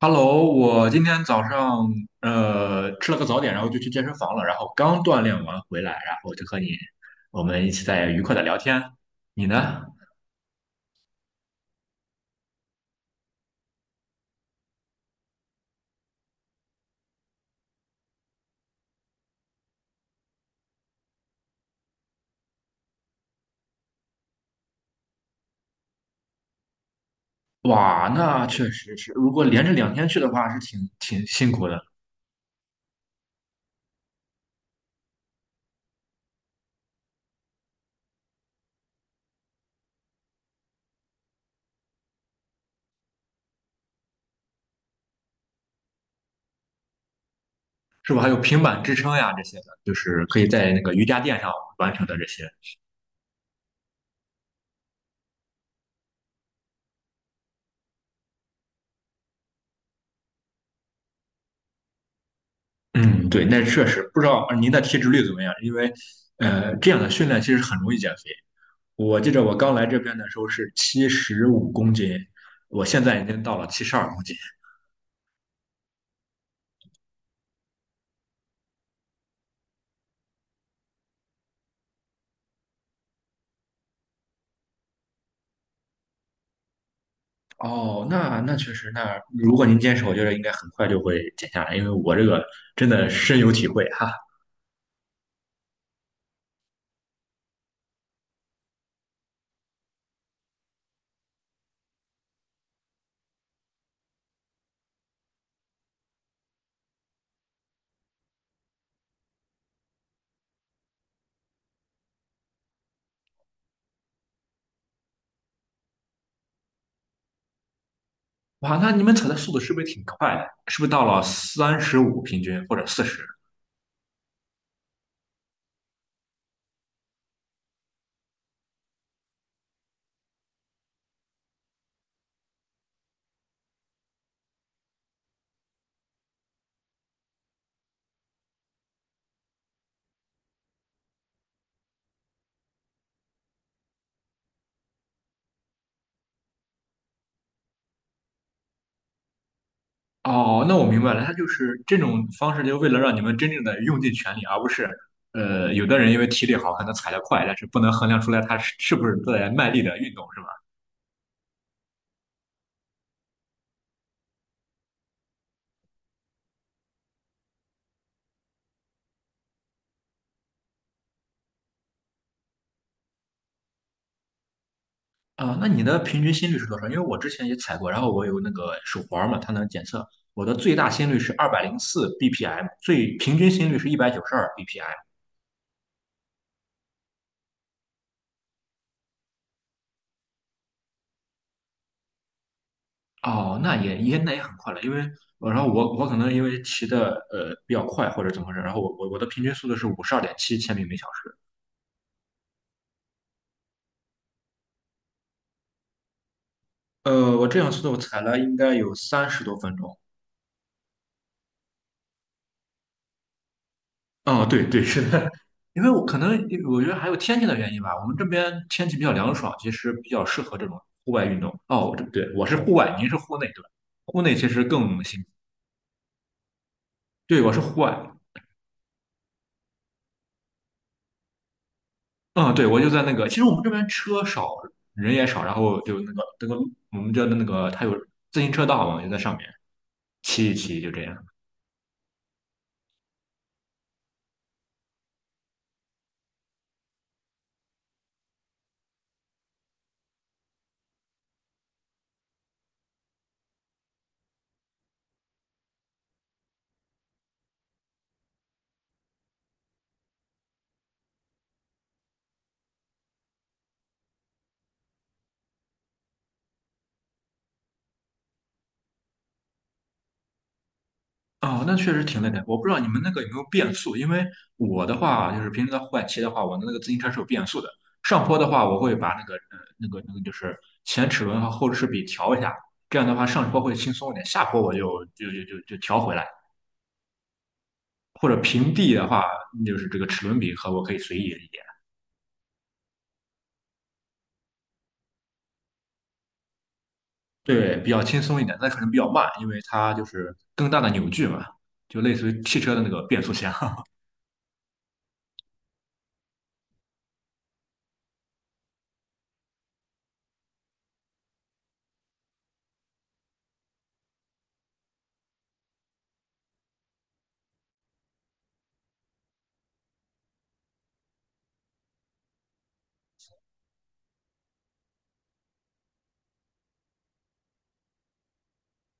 Hello，我今天早上吃了个早点，然后就去健身房了，然后刚锻炼完回来，然后就和你我们一起在愉快的聊天。你呢？哇，那确实是，如果连着两天去的话，是挺辛苦的，是不是？还有平板支撑呀这些的，就是可以在那个瑜伽垫上完成的这些。嗯，对，那确实不知道您的体脂率怎么样，因为这样的训练其实很容易减肥。我记着我刚来这边的时候是七十五公斤，我现在已经到了七十二公斤。哦，那那确实，那如果您坚持，我觉得应该很快就会减下来，因为我这个真的深有体会哈。哇，那你们踩的速度是不是挺快的？是不是到了三十五平均或者四十？哦，那我明白了，他就是这种方式，就为了让你们真正的用尽全力，而不是，有的人因为体力好，可能踩得快，但是不能衡量出来他是不是在卖力的运动，是吧？啊，那你的平均心率是多少？因为我之前也踩过，然后我有那个手环儿嘛，它能检测我的最大心率是二百零四 BPM，最平均心率是一百九十二 BPM。哦，那也很快了，因为然后我可能因为骑的比较快或者怎么回事，然后我的平均速度是五十二点七千米每小时。我这样速度我踩了应该有三十多分钟。哦，对，是的，因为我可能我觉得还有天气的原因吧，我们这边天气比较凉爽，其实比较适合这种户外运动。哦，我这对，我是户外，您是户内，对吧？户内其实更辛苦。对，我是户外。嗯，对，我就在那个，其实我们这边车少，人也少，然后就那个我们叫那个，它有自行车道嘛，就在上面骑一骑，就这样。哦，那确实挺累的。我不知道你们那个有没有变速，因为我的话就是平时在户外骑的话，我的那个自行车是有变速的。上坡的话，我会把那个那个就是前齿轮和后齿比调一下，这样的话上坡会轻松一点，下坡我就调回来。或者平地的话，就是这个齿轮比和我可以随意一点，对，比较轻松一点，但可能比较慢，因为它就是更大的扭矩嘛，就类似于汽车的那个变速箱。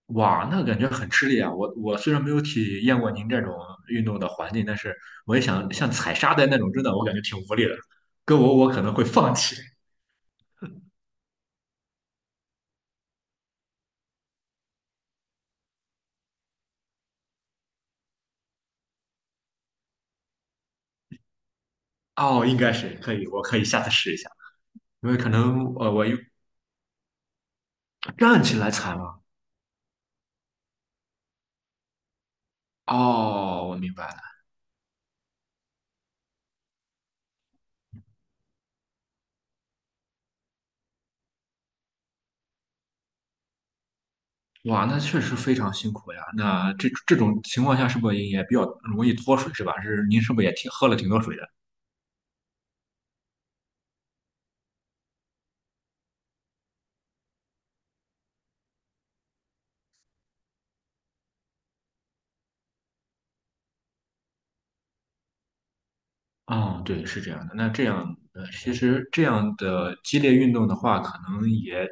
哇，那感觉很吃力啊！我虽然没有体验过您这种运动的环境，但是我也想像踩沙袋那种，真的我感觉挺无力的。跟我可能会放弃。哦，应该是可以，我可以下次试一下，因为可能我又站起来踩嘛。哦，我明白了。哇，那确实非常辛苦呀。那这种情况下是不是也比较容易脱水是吧？是您是不是也挺喝了挺多水的？啊，对，是这样的。那这样，其实这样的激烈运动的话，可能也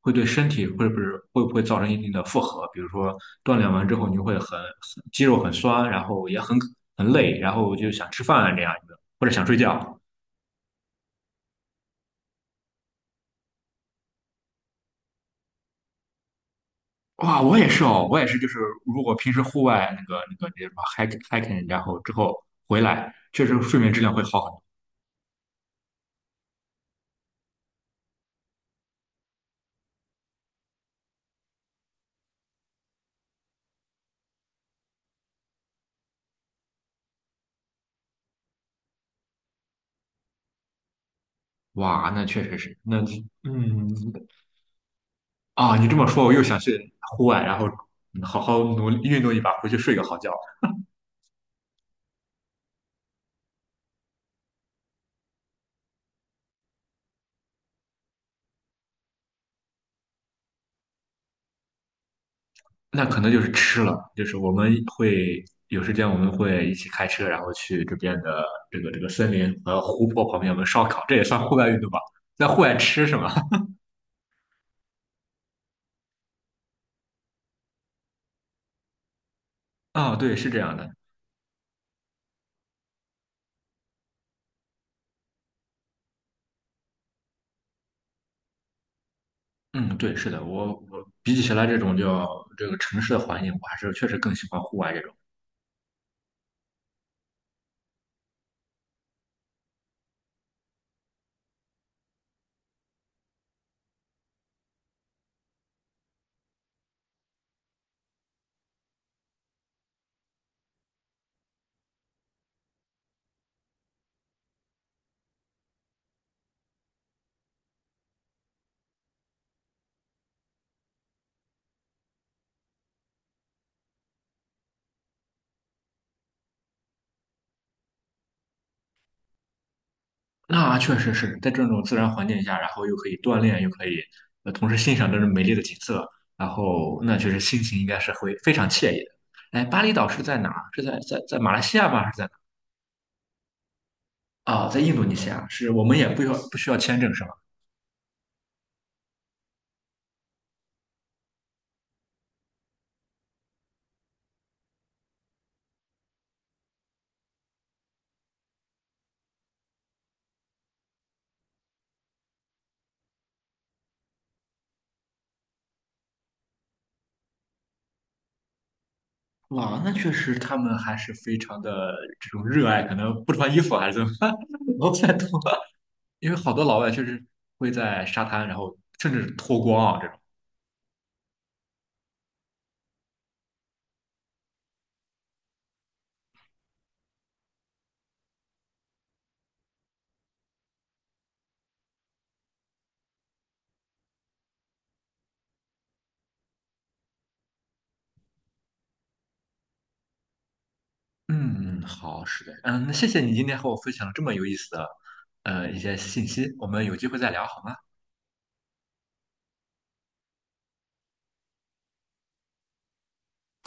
会对身体会不会造成一定的负荷？比如说锻炼完之后，你会很肌肉很酸，然后也很累，然后就想吃饭这样一个，或者想睡觉。哇，我也是哦，我也是，就是如果平时户外那个什么 hike hiking，然后之后回来，确实睡眠质量会好很多。哇，那确实是，那嗯，啊，你这么说，我又想去户外，然后嗯好好努力运动一把，回去睡个好觉。那可能就是吃了，就是我们会有时间，我们会一起开车，然后去这边的这个森林和湖泊旁边，我们烧烤，这也算户外运动吧？在户外吃是吗？啊，对，是这样的。嗯，对，是的，我比起来这种叫这个城市的环境，我还是确实更喜欢户外这种。那确实是在这种自然环境下，然后又可以锻炼，又可以同时欣赏这种美丽的景色，然后那确实心情应该是会非常惬意的。哎，巴厘岛是在哪儿？是在在马来西亚吗？还是在哪儿？啊、在印度尼西亚，是我们也不需要签证是吧？哇，那确实他们还是非常的这种热爱，可能不穿衣服还是怎么办？我不太懂啊，因为好多老外确实会在沙滩，然后甚至脱光啊这种。嗯，嗯好，是的，嗯，那谢谢你今天和我分享了这么有意思的一些信息，我们有机会再聊好吗？